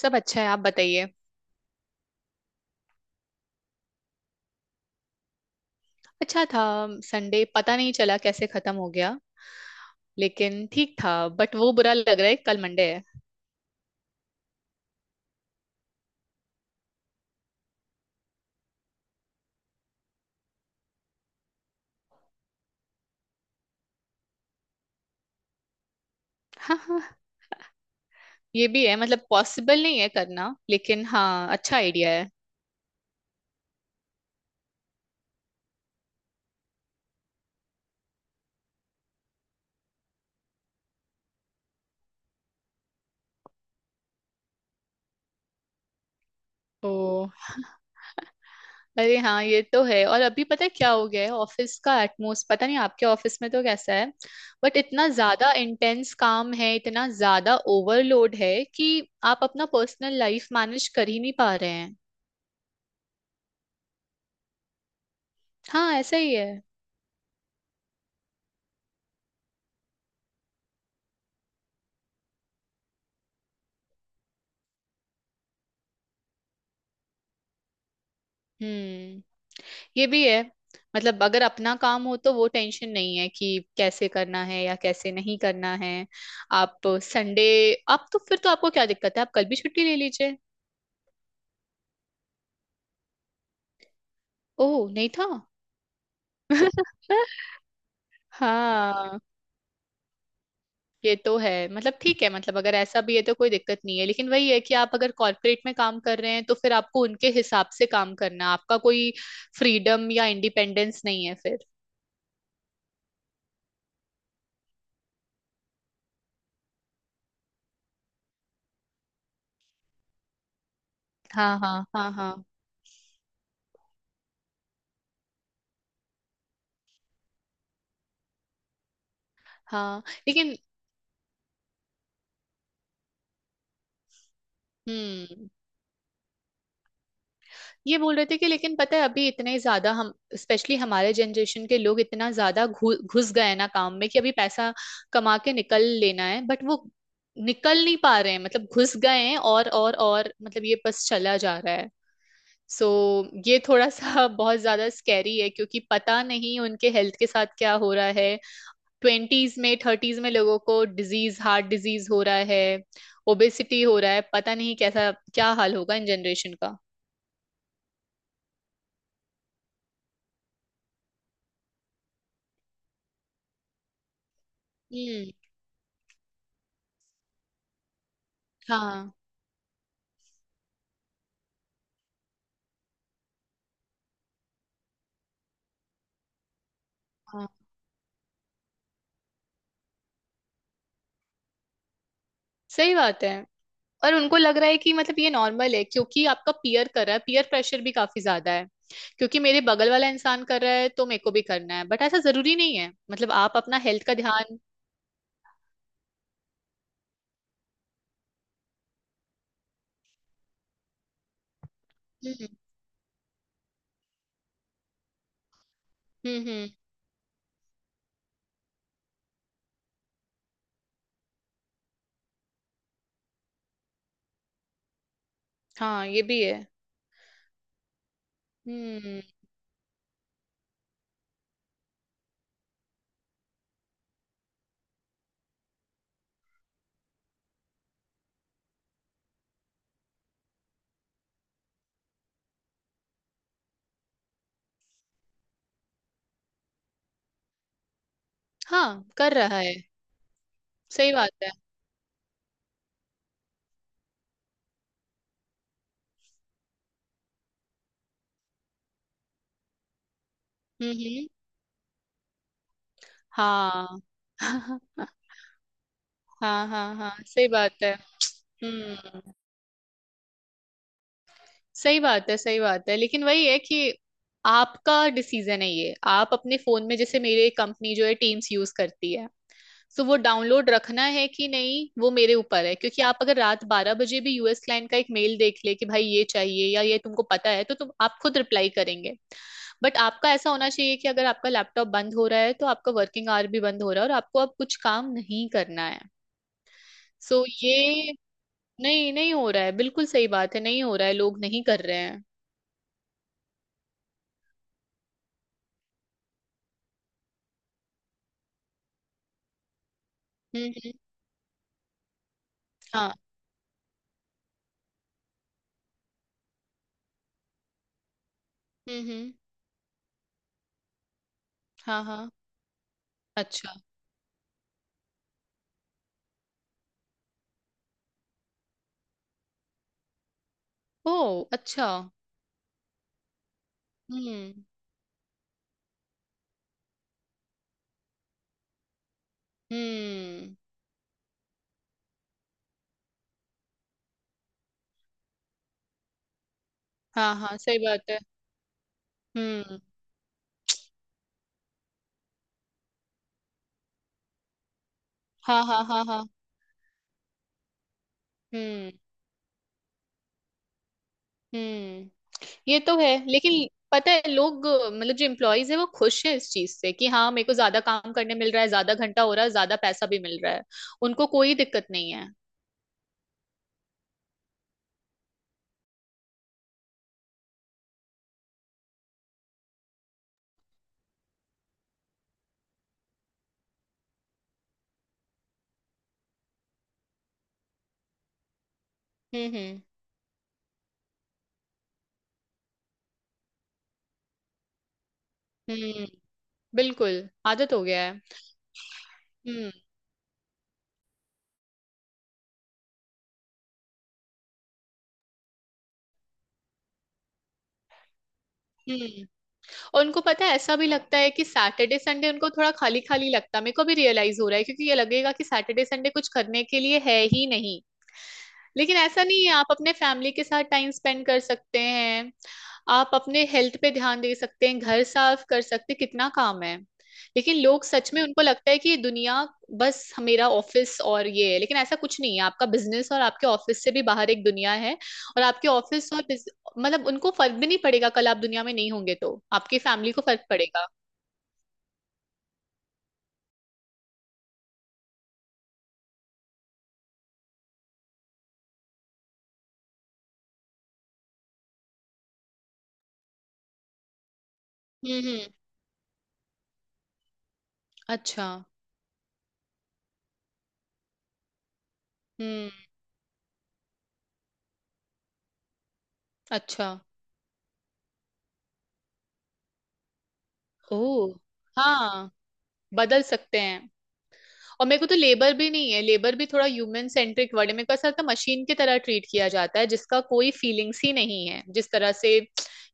सब अच्छा है, आप बताइए। अच्छा था। संडे पता नहीं चला कैसे खत्म हो गया, लेकिन ठीक था। बट वो बुरा लग रहा है कल मंडे है। हाँ हाँ, ये भी है। मतलब पॉसिबल नहीं है करना, लेकिन हाँ, अच्छा आइडिया है। ओ, अरे हाँ, ये तो है। और अभी पता है क्या हो गया है ऑफिस का एटमोस, पता नहीं आपके ऑफिस में तो कैसा है, बट इतना ज्यादा इंटेंस काम है, इतना ज्यादा ओवरलोड है कि आप अपना पर्सनल लाइफ मैनेज कर ही नहीं पा रहे हैं। हाँ, ऐसा ही है। हम्म, ये भी है। मतलब अगर अपना काम हो तो वो टेंशन नहीं है कि कैसे करना है या कैसे नहीं करना है। आप संडे, आप तो फिर तो आपको क्या दिक्कत है, आप कल भी छुट्टी ले लीजिए। ओह, नहीं था। हाँ, ये तो है। मतलब ठीक है, मतलब अगर ऐसा भी है तो कोई दिक्कत नहीं है, लेकिन वही है कि आप अगर कॉर्पोरेट में काम कर रहे हैं तो फिर आपको उनके हिसाब से काम करना है। आपका कोई फ्रीडम या इंडिपेंडेंस नहीं है फिर। हाँ हाँ हाँ हाँ, हाँ लेकिन हम्म, ये बोल रहे थे कि लेकिन पता है अभी इतने ज्यादा हम, स्पेशली हमारे जनरेशन के लोग इतना ज्यादा घुस गए हैं ना काम में, कि अभी पैसा कमा के निकल लेना है, बट वो निकल नहीं पा रहे हैं। मतलब घुस गए हैं और मतलब ये बस चला जा रहा है। सो ये थोड़ा सा बहुत ज्यादा स्कैरी है, क्योंकि पता नहीं उनके हेल्थ के साथ क्या हो रहा है। ट्वेंटीज में, थर्टीज में लोगों को डिजीज, हार्ट डिजीज हो रहा है, ओबेसिटी हो रहा है। पता नहीं कैसा क्या हाल होगा इन जनरेशन का। हम्म, हाँ सही बात है। और उनको लग रहा है कि मतलब ये नॉर्मल है, क्योंकि आपका पीयर कर रहा है। पीयर प्रेशर भी काफी ज्यादा है, क्योंकि मेरे बगल वाला इंसान कर रहा है तो मेरे को भी करना है। बट ऐसा जरूरी नहीं है, मतलब आप अपना हेल्थ का ध्यान। हम्म हम्म हम्म, हाँ, ये भी है। हम्म, हाँ कर रहा है। सही बात है। हम्म, हाँ। हाँ हाँ हाँ, सही बात है। हम्म, सही बात है, सही बात है, लेकिन वही है कि आपका डिसीजन है ये। आप अपने फोन में, जैसे मेरे कंपनी जो है टीम्स यूज करती है, तो वो डाउनलोड रखना है कि नहीं वो मेरे ऊपर है। क्योंकि आप अगर रात बारह बजे भी यूएस क्लाइंट का एक मेल देख ले कि भाई ये चाहिए या ये तुमको पता है, तो तुम आप खुद रिप्लाई करेंगे। बट आपका ऐसा होना चाहिए कि अगर आपका लैपटॉप बंद हो रहा है तो आपका वर्किंग आवर भी बंद हो रहा है, और आपको अब कुछ काम नहीं करना है। सो ये, नहीं नहीं, हो रहा है, बिल्कुल सही बात है, नहीं हो रहा है, लोग नहीं कर रहे हैं। हम्म हम्म। हाँ। हम्म। हाँ हाँ। अच्छा। ओ अच्छा। हम्म हम्म। हाँ हाँ, सही बात है। हम्म। हाँ हाँ हाँ हाँ। हम्म हम्म। ये तो है, लेकिन पता है लोग, मतलब जो एम्प्लॉयज है, वो खुश हैं इस चीज से कि हाँ मेरे को ज्यादा काम करने मिल रहा है, ज्यादा घंटा हो रहा है, ज्यादा पैसा भी मिल रहा है। उनको कोई दिक्कत नहीं है। हम्म। हम्म, बिल्कुल आदत हो गया है। हम्म हम्म। और उनको पता है, ऐसा भी लगता है कि सैटरडे संडे उनको थोड़ा खाली खाली लगता है। मेरे को भी रियलाइज हो रहा है, क्योंकि ये लगेगा कि सैटरडे संडे कुछ करने के लिए है ही नहीं। लेकिन ऐसा नहीं है, आप अपने फैमिली के साथ टाइम स्पेंड कर सकते हैं। आप अपने हेल्थ पे ध्यान दे सकते हैं, घर साफ कर सकते हैं, कितना काम है। लेकिन लोग, सच में उनको लगता है कि ये दुनिया बस मेरा ऑफिस और ये है। लेकिन ऐसा कुछ नहीं है, आपका बिजनेस और आपके ऑफिस से भी बाहर एक दुनिया है। और आपके ऑफिस और बिज-, मतलब उनको फर्क भी नहीं पड़ेगा। कल आप दुनिया में नहीं होंगे तो आपकी फैमिली को फर्क पड़ेगा। हम्म। अच्छा। हम्म। अच्छा। ओ, हाँ, बदल सकते हैं। और मेरे को तो लेबर भी नहीं है, लेबर भी थोड़ा ह्यूमन सेंट्रिक वर्ड है। मेरे को ऐसा लगता है मशीन की तरह ट्रीट किया जाता है, जिसका कोई फीलिंग्स ही नहीं है, जिस तरह से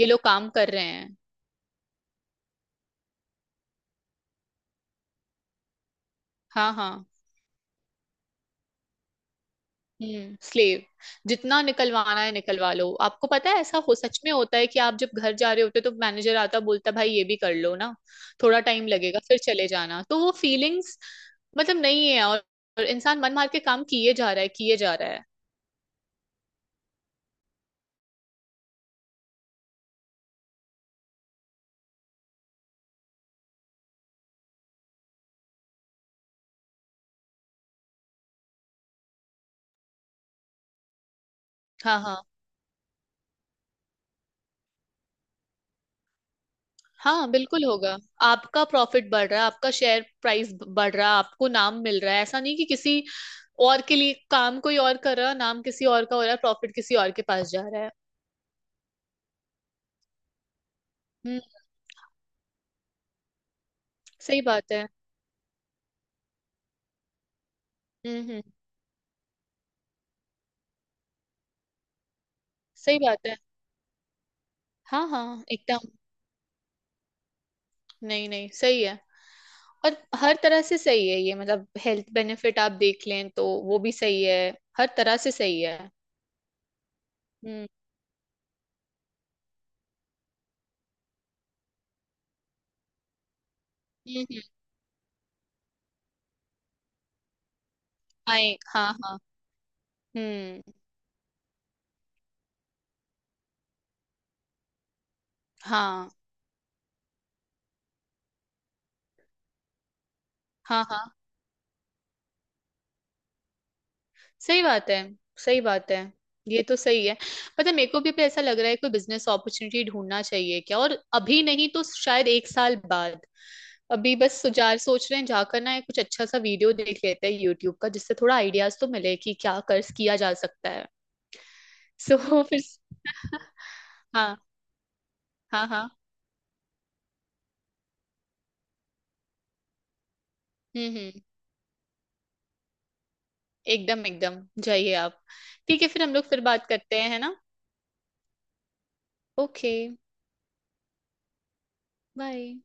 ये लोग काम कर रहे हैं। हाँ हाँ। हम्म, स्लेव। जितना निकलवाना है निकलवा लो। आपको पता है, ऐसा हो सच में होता है कि आप जब घर जा रहे होते हो तो मैनेजर आता है, बोलता है, भाई ये भी कर लो ना, थोड़ा टाइम लगेगा, फिर चले जाना। तो वो फीलिंग्स मतलब नहीं है। और इंसान मन मार के काम किए जा रहा है, किए जा रहा है। हाँ हाँ। हाँ बिल्कुल होगा। आपका प्रॉफिट बढ़ रहा है, आपका शेयर प्राइस बढ़ रहा है, आपको नाम मिल रहा है। ऐसा नहीं कि किसी और के लिए काम कोई और कर रहा है, नाम किसी और का हो रहा है, प्रॉफिट किसी और के पास जा रहा है। हम्म। सही बात है। हम्म। सही बात है। हाँ हाँ, एकदम। नहीं नहीं, सही है। और हर तरह से सही है ये, मतलब हेल्थ बेनिफिट आप देख लें तो वो भी सही है। हर तरह से सही है। हम्म हम्म, आए हाँ हाँ। हम्म। हाँ हाँ, हाँ, सही बात है, सही बात है, ये तो सही है। पता है, मेरे को भी पे ऐसा लग रहा है कोई बिजनेस अपॉर्चुनिटी ढूंढना चाहिए क्या। और अभी नहीं तो शायद एक साल बाद। अभी बस सुजार सोच रहे हैं, जाकर ना कुछ अच्छा सा वीडियो देख लेते हैं यूट्यूब का, जिससे थोड़ा आइडियाज तो मिले कि क्या कर किया जा सकता है। सो फिर। हाँ। हाँ हाँ। हम्म। एकदम एकदम, जाइए आप। ठीक है, फिर हम लोग फिर बात करते हैं है ना। ओके। बाय।